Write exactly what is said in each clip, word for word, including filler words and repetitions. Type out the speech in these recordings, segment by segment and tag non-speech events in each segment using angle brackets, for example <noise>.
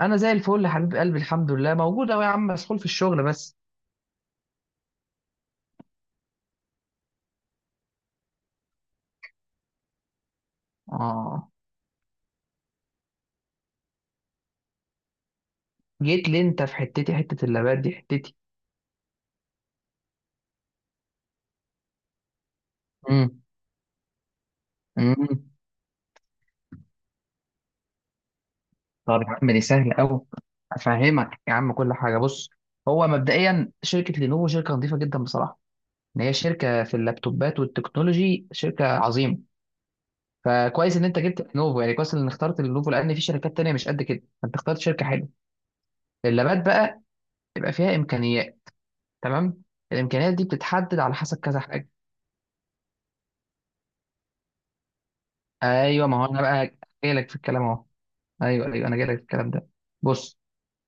انا زي الفل يا حبيب قلبي، الحمد لله موجود اهو. يا عم مسحول في الشغل بس. اه جيت لي انت في حتتي. حته اللابات دي حتتي امم امم طب يا عم دي سهله قوي، افهمك يا عم كل حاجه. بص، هو مبدئيا شركه لينوفو شركه نظيفه جدا بصراحه. ان هي شركه في اللابتوبات والتكنولوجي شركه عظيمه. فكويس ان انت جبت لينوفو، يعني كويس ان اخترت لينوفو لان في شركات تانية مش قد كده، فانت اخترت شركه حلوه. اللابات بقى يبقى فيها امكانيات، تمام. الامكانيات دي بتتحدد على حسب كذا حاجه. ايوه، ما هو انا بقى جاي لك في الكلام اهو. ايوه ايوه، انا جاي لك في الكلام ده. بص،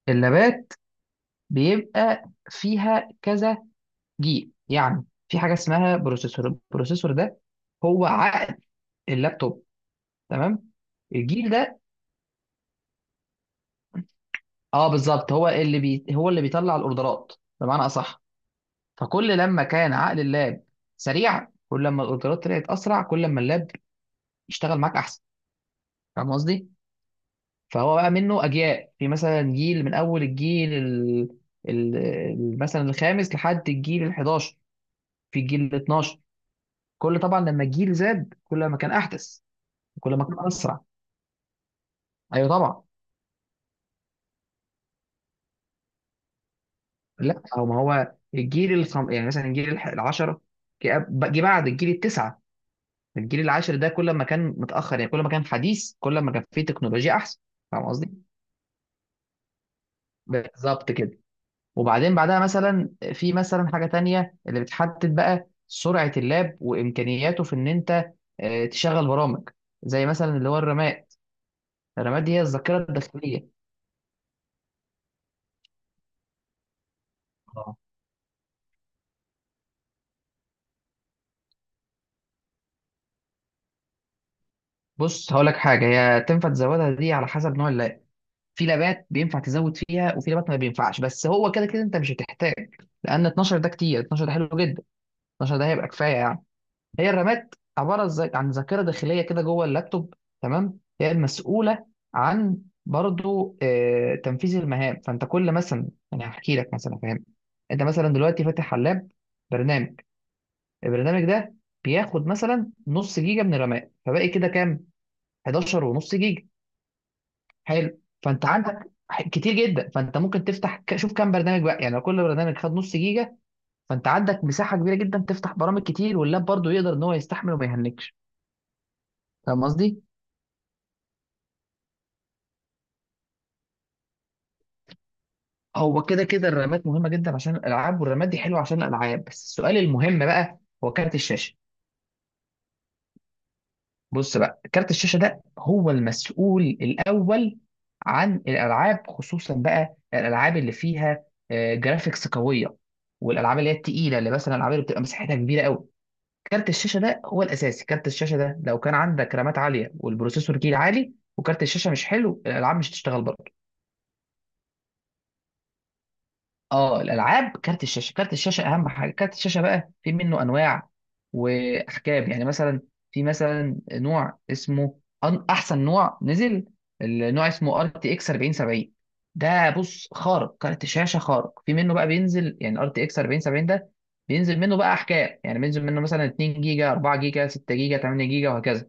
اللابات بيبقى فيها كذا جيل. يعني في حاجه اسمها بروسيسور. البروسيسور ده هو عقل اللابتوب، تمام. الجيل ده، اه بالظبط، هو اللي بي... هو اللي بيطلع الاوردرات بمعنى اصح. فكل لما كان عقل اللاب سريع، كل لما الاوردرات طلعت اسرع، كل لما اللاب يشتغل معاك احسن. فاهم قصدي؟ فهو بقى منه اجيال. في مثلا جيل، من اول الجيل ال... ال... ال- مثلا الخامس لحد الجيل ال إحداشر في الجيل ال اثنا عشر. كل طبعا لما الجيل زاد كل ما كان احدث، كل ما كان اسرع. ايوه طبعا. لا، او ما هو الجيل الخم... يعني مثلا الجيل الح- العشرة، جه جه بعد الجيل التسعة. الجيل العاشر ده كل ما كان متاخر يعني، كل ما كان حديث، كل ما كان فيه تكنولوجيا احسن. فاهم قصدي؟ بالظبط كده. وبعدين بعدها مثلا في مثلا حاجة تانية اللي بتحدد بقى سرعة اللاب وإمكانياته في إن أنت آه، تشغل برامج، زي مثلا اللي هو الرامات. الرامات دي هي الذاكرة الداخلية. اه، بص هقول لك حاجة، هي تنفع تزودها دي على حسب نوع اللاب. في لابات بينفع تزود فيها، وفي لابات ما بينفعش. بس هو كده كده أنت مش هتحتاج، لأن اتناشر ده كتير، اتناشر ده حلو جدا، اتناشر ده هيبقى كفاية يعني. هي الرامات عباره ز- عن ذاكره داخليه كده جوه اللابتوب، تمام. هي المسؤوله عن برضو آه، تنفيذ المهام. فانت كل مثلا انا هحكي لك مثلا، فاهم، انت مثلا دلوقتي فاتح علاب برنامج. البرنامج ده بياخد مثلا نص جيجا من الرامات، فباقي كده كام؟ إحداشر ونص جيجا، حلو. فانت عندك ح- كتير جدا. فانت ممكن تفتح ك- شوف كام برنامج بقى يعني. لو كل برنامج خد نص جيجا، فانت عندك مساحه كبيره جدا تفتح برامج كتير، واللاب برضو يقدر ان هو يستحمل وما يهنكش. فاهم قصدي؟ هو كده كده الرامات مهمه جدا عشان الالعاب، والرامات دي حلوه عشان الالعاب. بس السؤال المهم بقى هو كارت الشاشه. بص بقى، كارت الشاشه ده هو المسؤول الاول عن الالعاب، خصوصا بقى الالعاب اللي فيها آه، جرافيكس قويه، والالعاب اللي هي التقيله، اللي مثلا الالعاب اللي بتبقى مساحتها كبيره قوي. كارت الشاشه ده هو الاساسي. كارت الشاشه ده لو كان عندك رامات عاليه، والبروسيسور جيل عالي، وكارت الشاشه مش حلو، الالعاب مش هتشتغل برضه. اه الالعاب كارت الشاشه، كارت الشاشه اهم حاجه. كارت الشاشه بقى في منه انواع واحجام يعني. مثلا في مثلا نوع اسمه أن- احسن نوع نزل، النوع اسمه ار تي اكس أربعين سبعين. ده بص خارق، كارت شاشه خارق. في منه بقى بينزل يعني، ار تي اكس أربعين سبعين ده بينزل منه بقى احجام، يعني بينزل منه مثلا اتنين جيجا، أربعة جيجا، ستة جيجا، تمانية جيجا، وهكذا.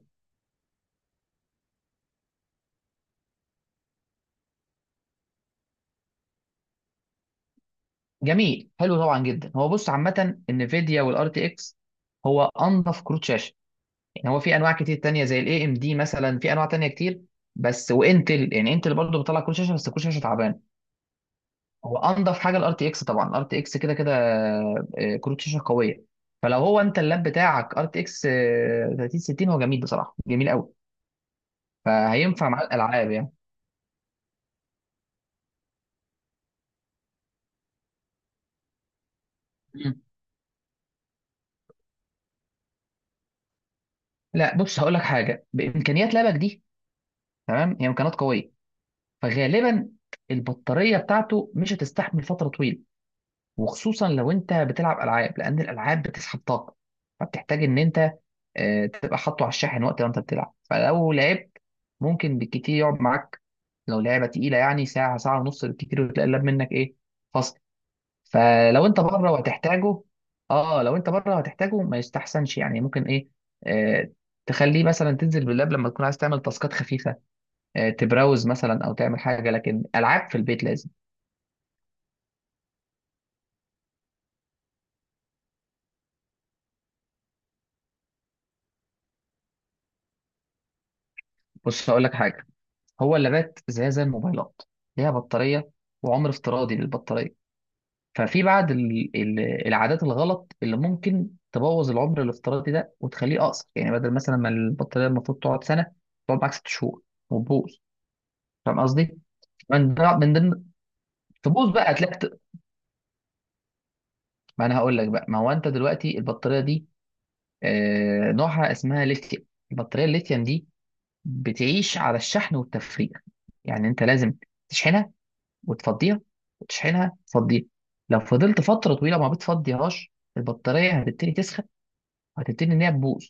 جميل حلو طبعا جدا. هو بص، عامه النفيديا والار تي اكس هو انظف كروت شاشه يعني. هو في انواع كتير تانية زي الاي ام دي مثلا، في انواع تانية كتير، بس وانتل يعني، انتل برضه بتطلع كروت شاشه، بس كروت شاشه تعبان. هو انضف حاجه الار تي اكس طبعا، الار تي اكس كده كده آه، كروت شاشه قويه. فلو هو انت اللاب بتاعك ار تي اكس ثلاثين ستين، هو جميل بصراحه، جميل قوي، فهينفع مع الالعاب يعني. مم. لا بص هقول لك حاجه، بامكانيات لابك دي، تمام، هي امكانيات قويه، فغالبا البطاريه بتاعته مش هتستحمل فتره طويله، وخصوصا لو انت بتلعب العاب، لان الالعاب بتسحب طاقه. فبتحتاج ان انت آه، تبقى حاطه على الشاحن وقت ما انت بتلعب. فلو لعبت، ممكن بالكتير يقعد معاك، لو لعبه تقيله يعني، ساعه ساعه ونص بالكتير، وتلاقي اللاب منك ايه؟ فصل. فلو انت بره وهتحتاجه، اه لو انت بره وهتحتاجه ما يستحسنش يعني. ممكن ايه، آه تخليه مثلا تنزل باللاب لما تكون عايز تعمل تاسكات خفيفه، آه تبراوز مثلا او تعمل حاجه، لكن العاب في البيت لازم. بص هقول لك حاجه، هو اللابات زي زي الموبايلات، ليها بطارية وعمر افتراضي للبطارية. ففي بعض ال- ال- العادات الغلط اللي ممكن تبوظ العمر الافتراضي ده وتخليه أقصر، يعني بدل مثلا ما البطارية المفروض تقعد سنة، تقعد معاك ست شهور وتبوظ. فاهم قصدي؟ من ضمن من ضمن تبوظ بقى، هتلاقي بت- ما أنا هقول لك بقى. ما هو أنت دلوقتي البطارية دي آه، نوعها اسمها ليثيوم. البطارية الليثيوم دي بتعيش على الشحن والتفريغ، يعني أنت لازم تشحنها وتفضيها، وتشحنها تفضيها. لو فضلت فترة طويلة ما بتفضيهاش، البطارية هتبتدي تسخن وهتبتدي إن هي تبوظ.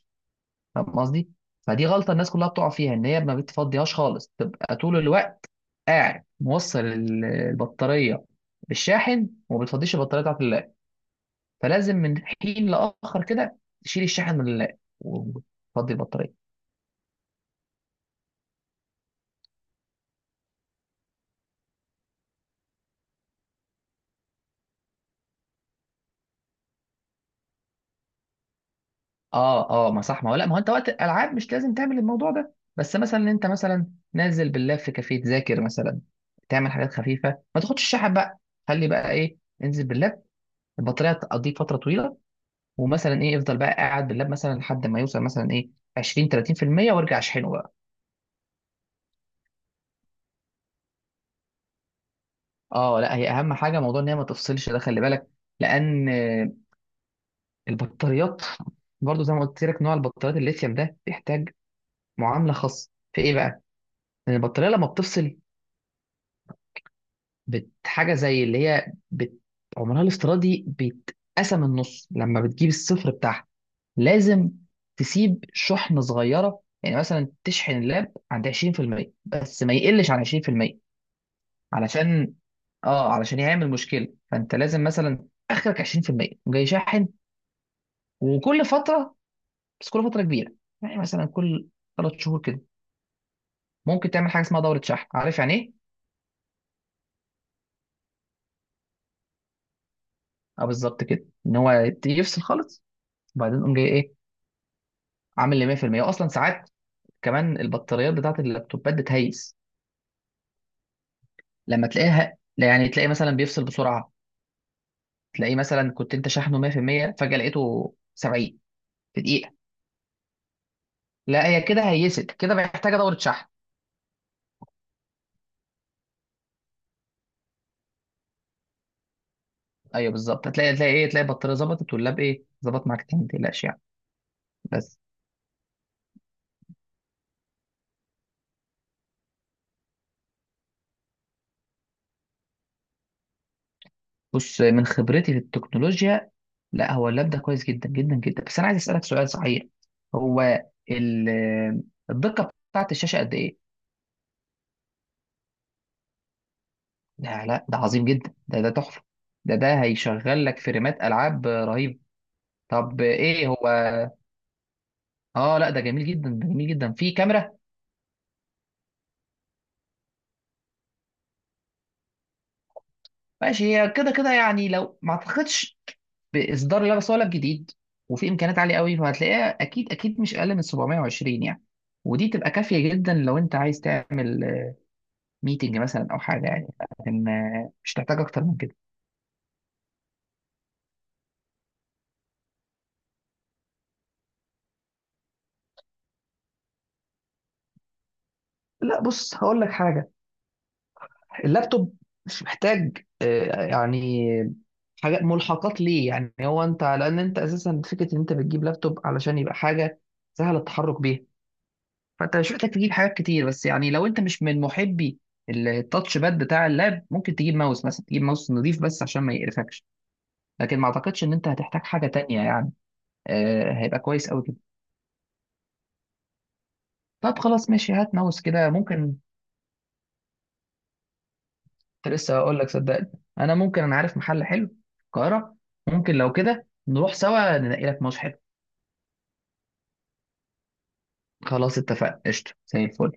فاهم قصدي؟ فدي غلطة الناس كلها بتقع فيها، إن هي ما بتفضيهاش خالص، تبقى طول الوقت قاعد موصل ال- البطارية بالشاحن وما بتفضيش البطارية بتاعت اللاب. فلازم من حين لآخر كده تشيل الشاحن من اللاب وتفضي البطارية. اه اه، ما صح، ما هو لا، ما هو انت وقت الالعاب مش لازم تعمل الموضوع ده. بس مثلا انت مثلا نازل باللاب في كافيه تذاكر مثلا، تعمل حاجات خفيفه، ما تاخدش الشحن بقى، خلي بقى ايه، انزل باللاب، البطاريه تقضيك فتره طويله. ومثلا ايه افضل بقى، قاعد باللاب مثلا لحد ما يوصل مثلا ايه عشرين تلاتين بالمية، وارجع اشحنه بقى. اه لا هي اهم حاجه موضوع ان هي ما تفصلش ده، خلي بالك، لان آه، البطاريات <laughs> برضو زي ما قلت لك نوع البطاريات الليثيوم ده بيحتاج معامله خاصه في ايه بقى؟ ان البطاريه لما بتفصل، بت حاجة زي اللي هي بت عمرها الافتراضي بيتقسم النص لما بتجيب الصفر بتاعها. لازم تسيب شحنة صغيرة، يعني مثلا تشحن اللاب عند عشرين بالمية، بس ما يقلش عن عشرين بالمية، علشان اه علشان يعمل مشكلة. فانت لازم مثلا اخرك عشرين بالمية جاي شاحن، وكل فترة، بس كل فترة كبيرة، يعني مثلا كل ثلاث شهور كده، ممكن تعمل حاجة اسمها دورة شحن. عارف يعني ايه؟ اه بالظبط كده، ان هو يفصل خالص، وبعدين قوم جاي ايه عامل لي مية بالمية. اصلا ساعات كمان البطاريات بتاعت اللابتوبات بتهيس لما تلاقيها، لا يعني تلاقي مثلا بيفصل بسرعه، تلاقيه مثلا كنت انت شحنه مية بالمية فجاه لقيته سبعين في دقيقه. لا هي كده هيست كده، محتاجه دوره شحن. ايوه بالظبط، هتلاقي تلاقي ايه، تلاقي البطاريه ظبطت واللاب ايه ظبط معاك تاني، ما تقلقش يعني. بس بص، من خبرتي في التكنولوجيا، لا هو اللاب ده كويس جدا جدا جدا. بس انا عايز اسالك سؤال صحيح، هو ال- الدقه بتاعت الشاشه قد ايه؟ لا لا، ده عظيم جدا، ده ده تحفة، ده ده هيشغل لك فريمات ألعاب رهيبة. طب ايه هو؟ اه لا، ده جميل جدا، ده جميل جدا. في كاميرا، ماشي. هي كده كده يعني، لو ما اعتقدش باصدار لا بس ولا جديد، وفي امكانيات عاليه قوي، فهتلاقيها اكيد اكيد مش اقل من سبعمئة وعشرين يعني. ودي تبقى كافيه جدا لو انت عايز تعمل ميتنج مثلا او حاجه يعني، لكن آه، مش تحتاج اكتر من كده. لا بص هقول لك حاجه، اللابتوب مش محتاج آه، يعني حاجات ملحقات ليه يعني. هو انت لان انت اساسا فكره ان انت بتجيب لابتوب علشان يبقى حاجه سهله التحرك بيها. فانت مش محتاج تجيب حاجات كتير. بس يعني لو انت مش من محبي التاتش باد بتاع اللاب، ممكن تجيب ماوس مثلا، تجيب ماوس نظيف بس عشان ما يقرفكش، لكن ما اعتقدش ان انت هتحتاج حاجه تانية يعني. آه، هيبقى كويس قوي كده. طب خلاص ماشي، هات ماوس كده ممكن. كنت لسه اقول لك صدقني، انا ممكن انا عارف محل حلو في القاهره. ممكن لو كده نروح سوا ننقي لك ماوس حلو. خلاص اتفقنا، قشطه زي الفل.